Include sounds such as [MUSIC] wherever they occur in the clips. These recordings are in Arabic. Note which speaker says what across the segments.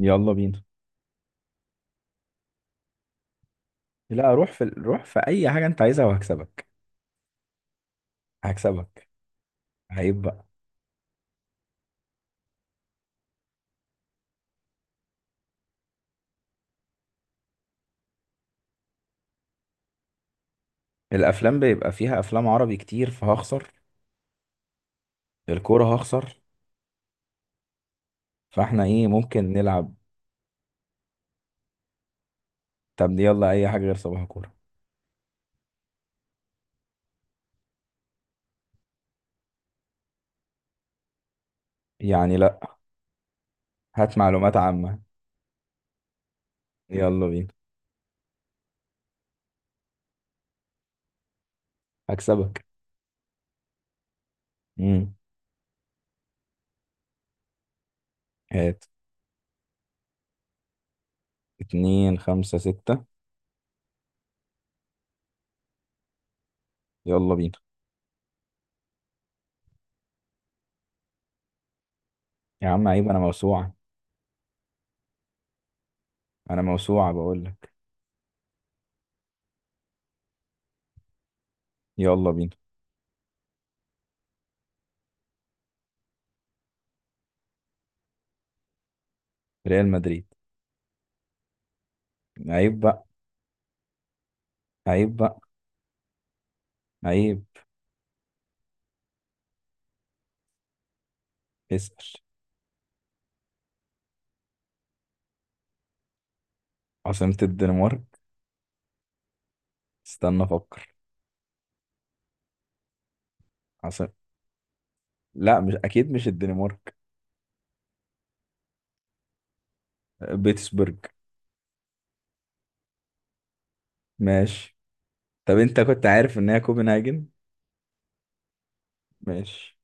Speaker 1: يلا بينا. لا، روح في اي حاجه انت عايزها وهكسبك. هكسبك. عيب بقى. الافلام بيبقى فيها افلام عربي كتير فهخسر. الكوره هخسر. فاحنا ايه ممكن نلعب؟ طب يلا اي حاجه غير صباح كوره. يعني لا. هات معلومات عامه. يلا بينا. هكسبك. امم. هات. اتنين خمسة ستة. يلا بينا. يا عم عيب، انا موسوعة. انا موسوعة بقول لك. يلا بينا. ريال مدريد. عيب بقى. عيب بقى. عيب. اسأل. عاصمة الدنمارك. استنى افكر. عسل. لا مش اكيد، مش الدنمارك. بيتسبرج. ماشي. طب انت كنت عارف ان هي كوبنهاجن؟ ماشي.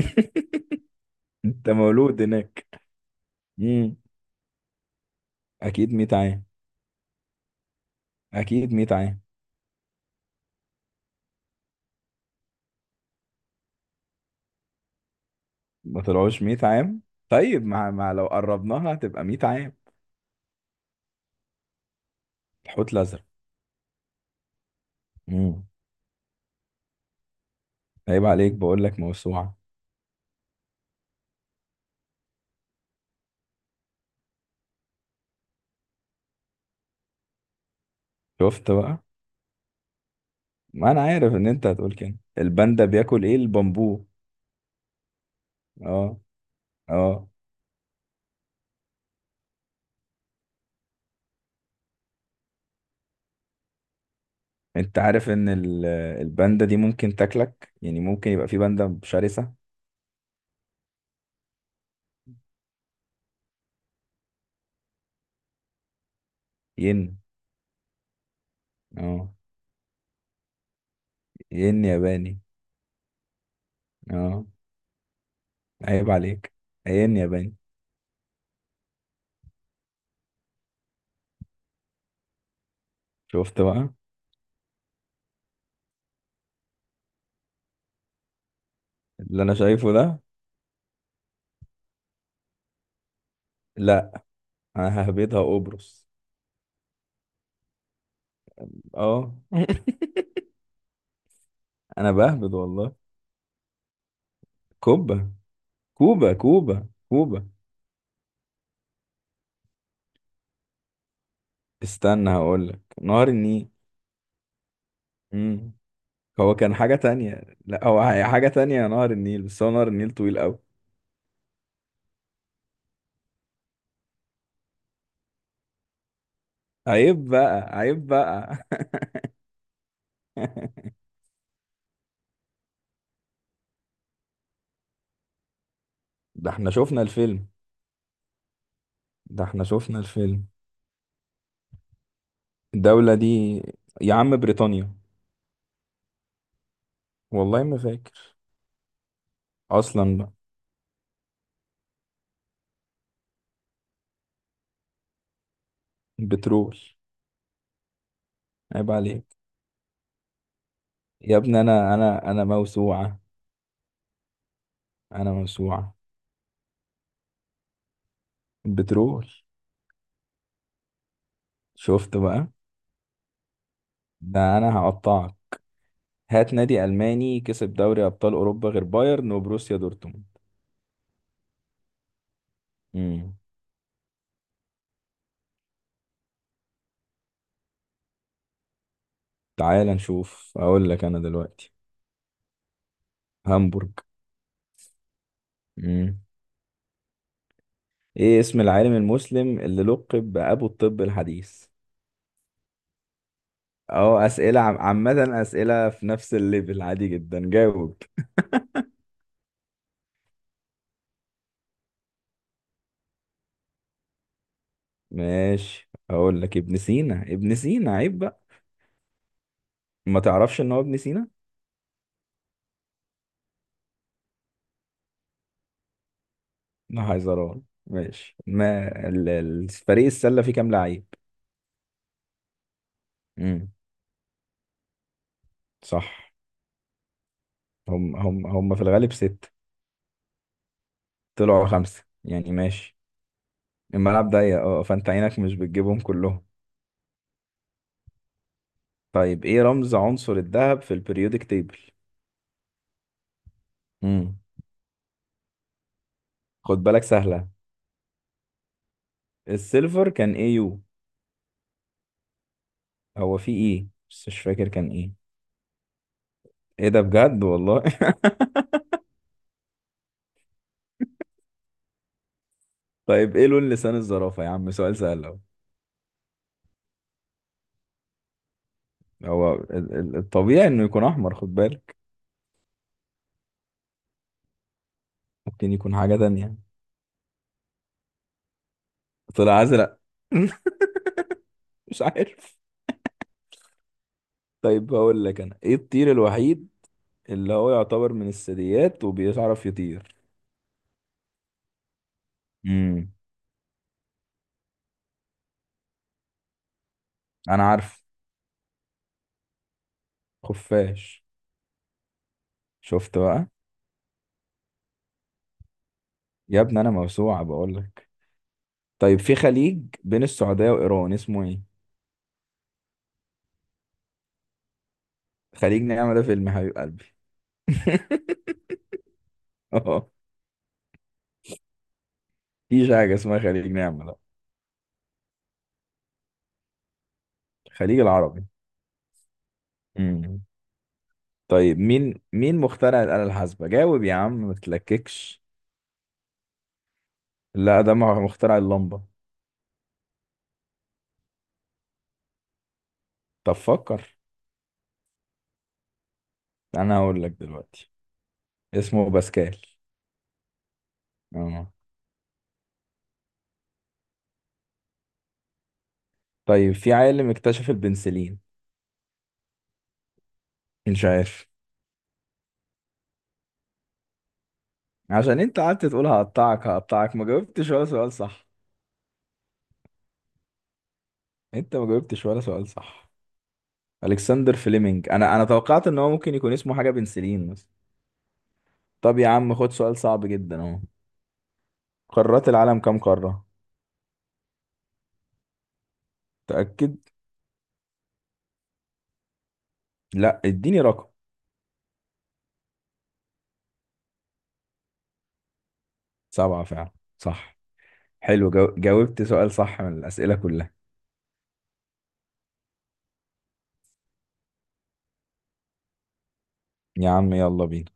Speaker 1: [LAUGHS] انت مولود هناك؟ امم. اكيد 100 عام. اكيد 100 عام. ما طلعوش 100 عام. طيب مع لو قربناها هتبقى 100 عام. الحوت الازرق. امم. عيب عليك، بقول لك موسوعه. شفت بقى. ما انا عارف ان انت هتقول كده. الباندا بياكل ايه؟ البامبو. اه. اه. انت عارف ان الباندا دي ممكن تاكلك؟ يعني ممكن يبقى في باندا شرسة. ين. اه. ين ياباني. اه. عيب عليك. ين ياباني. شفت بقى. اللي انا شايفه ده؟ لا، انا ههبدها قبرص. اه. [LAUGHS] انا بهبد والله. كوبا. كوبا، كوبا، كوبا. استنى هقول لك. نهر النيل. امم. هو كان حاجة تانية. لا، هو حاجة تانية. نهر النيل، بس هو نهر النيل طويل قوي. عيب بقى، عيب بقى. [LAUGHS] ده احنا شفنا الفيلم. ده احنا شفنا الفيلم. الدولة دي؟ يا عم بريطانيا. والله ما فاكر. اصلا بقى. بترول. عيب عليك. يا ابني انا موسوعة. انا موسوعة. بترول. شفت بقى. ده انا هقطعك. هات نادي الماني كسب دوري ابطال اوروبا غير بايرن وبروسيا دورتموند. امم. تعال نشوف، اقول لك انا دلوقتي. هامبورج. امم. ايه اسم العالم المسلم اللي لقب بابو الطب الحديث؟ اه، اسئله عامه، اسئله في نفس الليفل عادي جدا، جاوب. ماشي، هقول لك. ابن سينا، ابن سينا. عيب بقى، ما تعرفش ان هو ابن سينا؟ نهزران ماشي. ما فريق السله فيه كام لعيب؟ امم. صح. هم في الغالب ستة. طلعوا خمسة يعني، ماشي. الملعب ضيق اه، فانت عينك مش بتجيبهم كلهم. طيب ايه رمز عنصر الذهب في البريودك تيبل؟ امم. خد بالك سهلة. السيلفر كان ايه؟ يو؟ هو في ايه بس مش فاكر كان ايه. ايه ده بجد والله [LAUGHS] طيب ايه لون لسان الزرافة يا عم؟ سؤال سهل اهو. هو الطبيعي انه يكون احمر، خد بالك. ممكن يكون حاجة تانية. طلع ازرق. [LAUGHS] مش عارف. طيب هقول لك انا، ايه الطير الوحيد اللي هو يعتبر من الثدييات وبيعرف يطير؟ امم. انا عارف. خفاش. شفت بقى. يا ابني انا موسوعة بقول لك. طيب في خليج بين السعودية وايران اسمه ايه؟ خليج نعمة؟ ده فيلم حبيب قلبي [LAUGHS] اه. مفيش حاجة اسمها خليج نعمة، لا. الخليج العربي. امم. طيب مين مخترع الآلة الحاسبة؟ جاوب يا عم، ما تتلككش. لا، ده مخترع اللمبة. طب فكر. انا هقول لك دلوقتي. اسمه باسكال. اه. طيب في عالم اكتشف البنسلين؟ مش عارف. عشان انت قعدت تقول هقطعك هقطعك، ما جاوبتش ولا سؤال صح. انت ما جاوبتش ولا سؤال صح. الكسندر فليمنج. انا توقعت ان هو ممكن يكون اسمه حاجة بنسلين مثلا. طب يا عم خد سؤال صعب جدا اهو. قارات العالم كام قارة؟ تأكد. لا، اديني رقم. سبعة فعلا، صح. حلو، جاوبت سؤال صح من الأسئلة كلها. يا عم يلا بينا.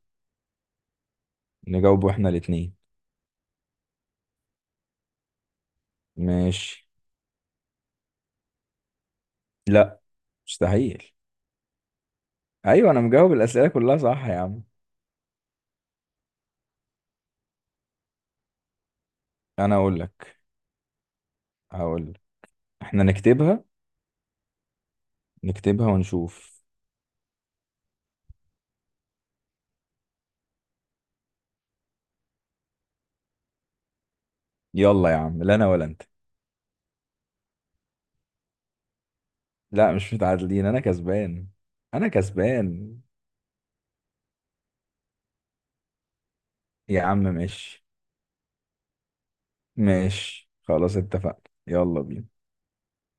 Speaker 1: نجاوبه احنا الاتنين. ماشي. لا. مستحيل. ايوه، انا مجاوب الأسئلة كلها صح يا عم. انا اقول لك. هقول لك. احنا نكتبها. نكتبها ونشوف. يلا يا عم. لا انا ولا انت. لا مش متعادلين، انا كسبان. انا كسبان يا عم. ماشي. ماشي خلاص، اتفقنا. يلا بينا.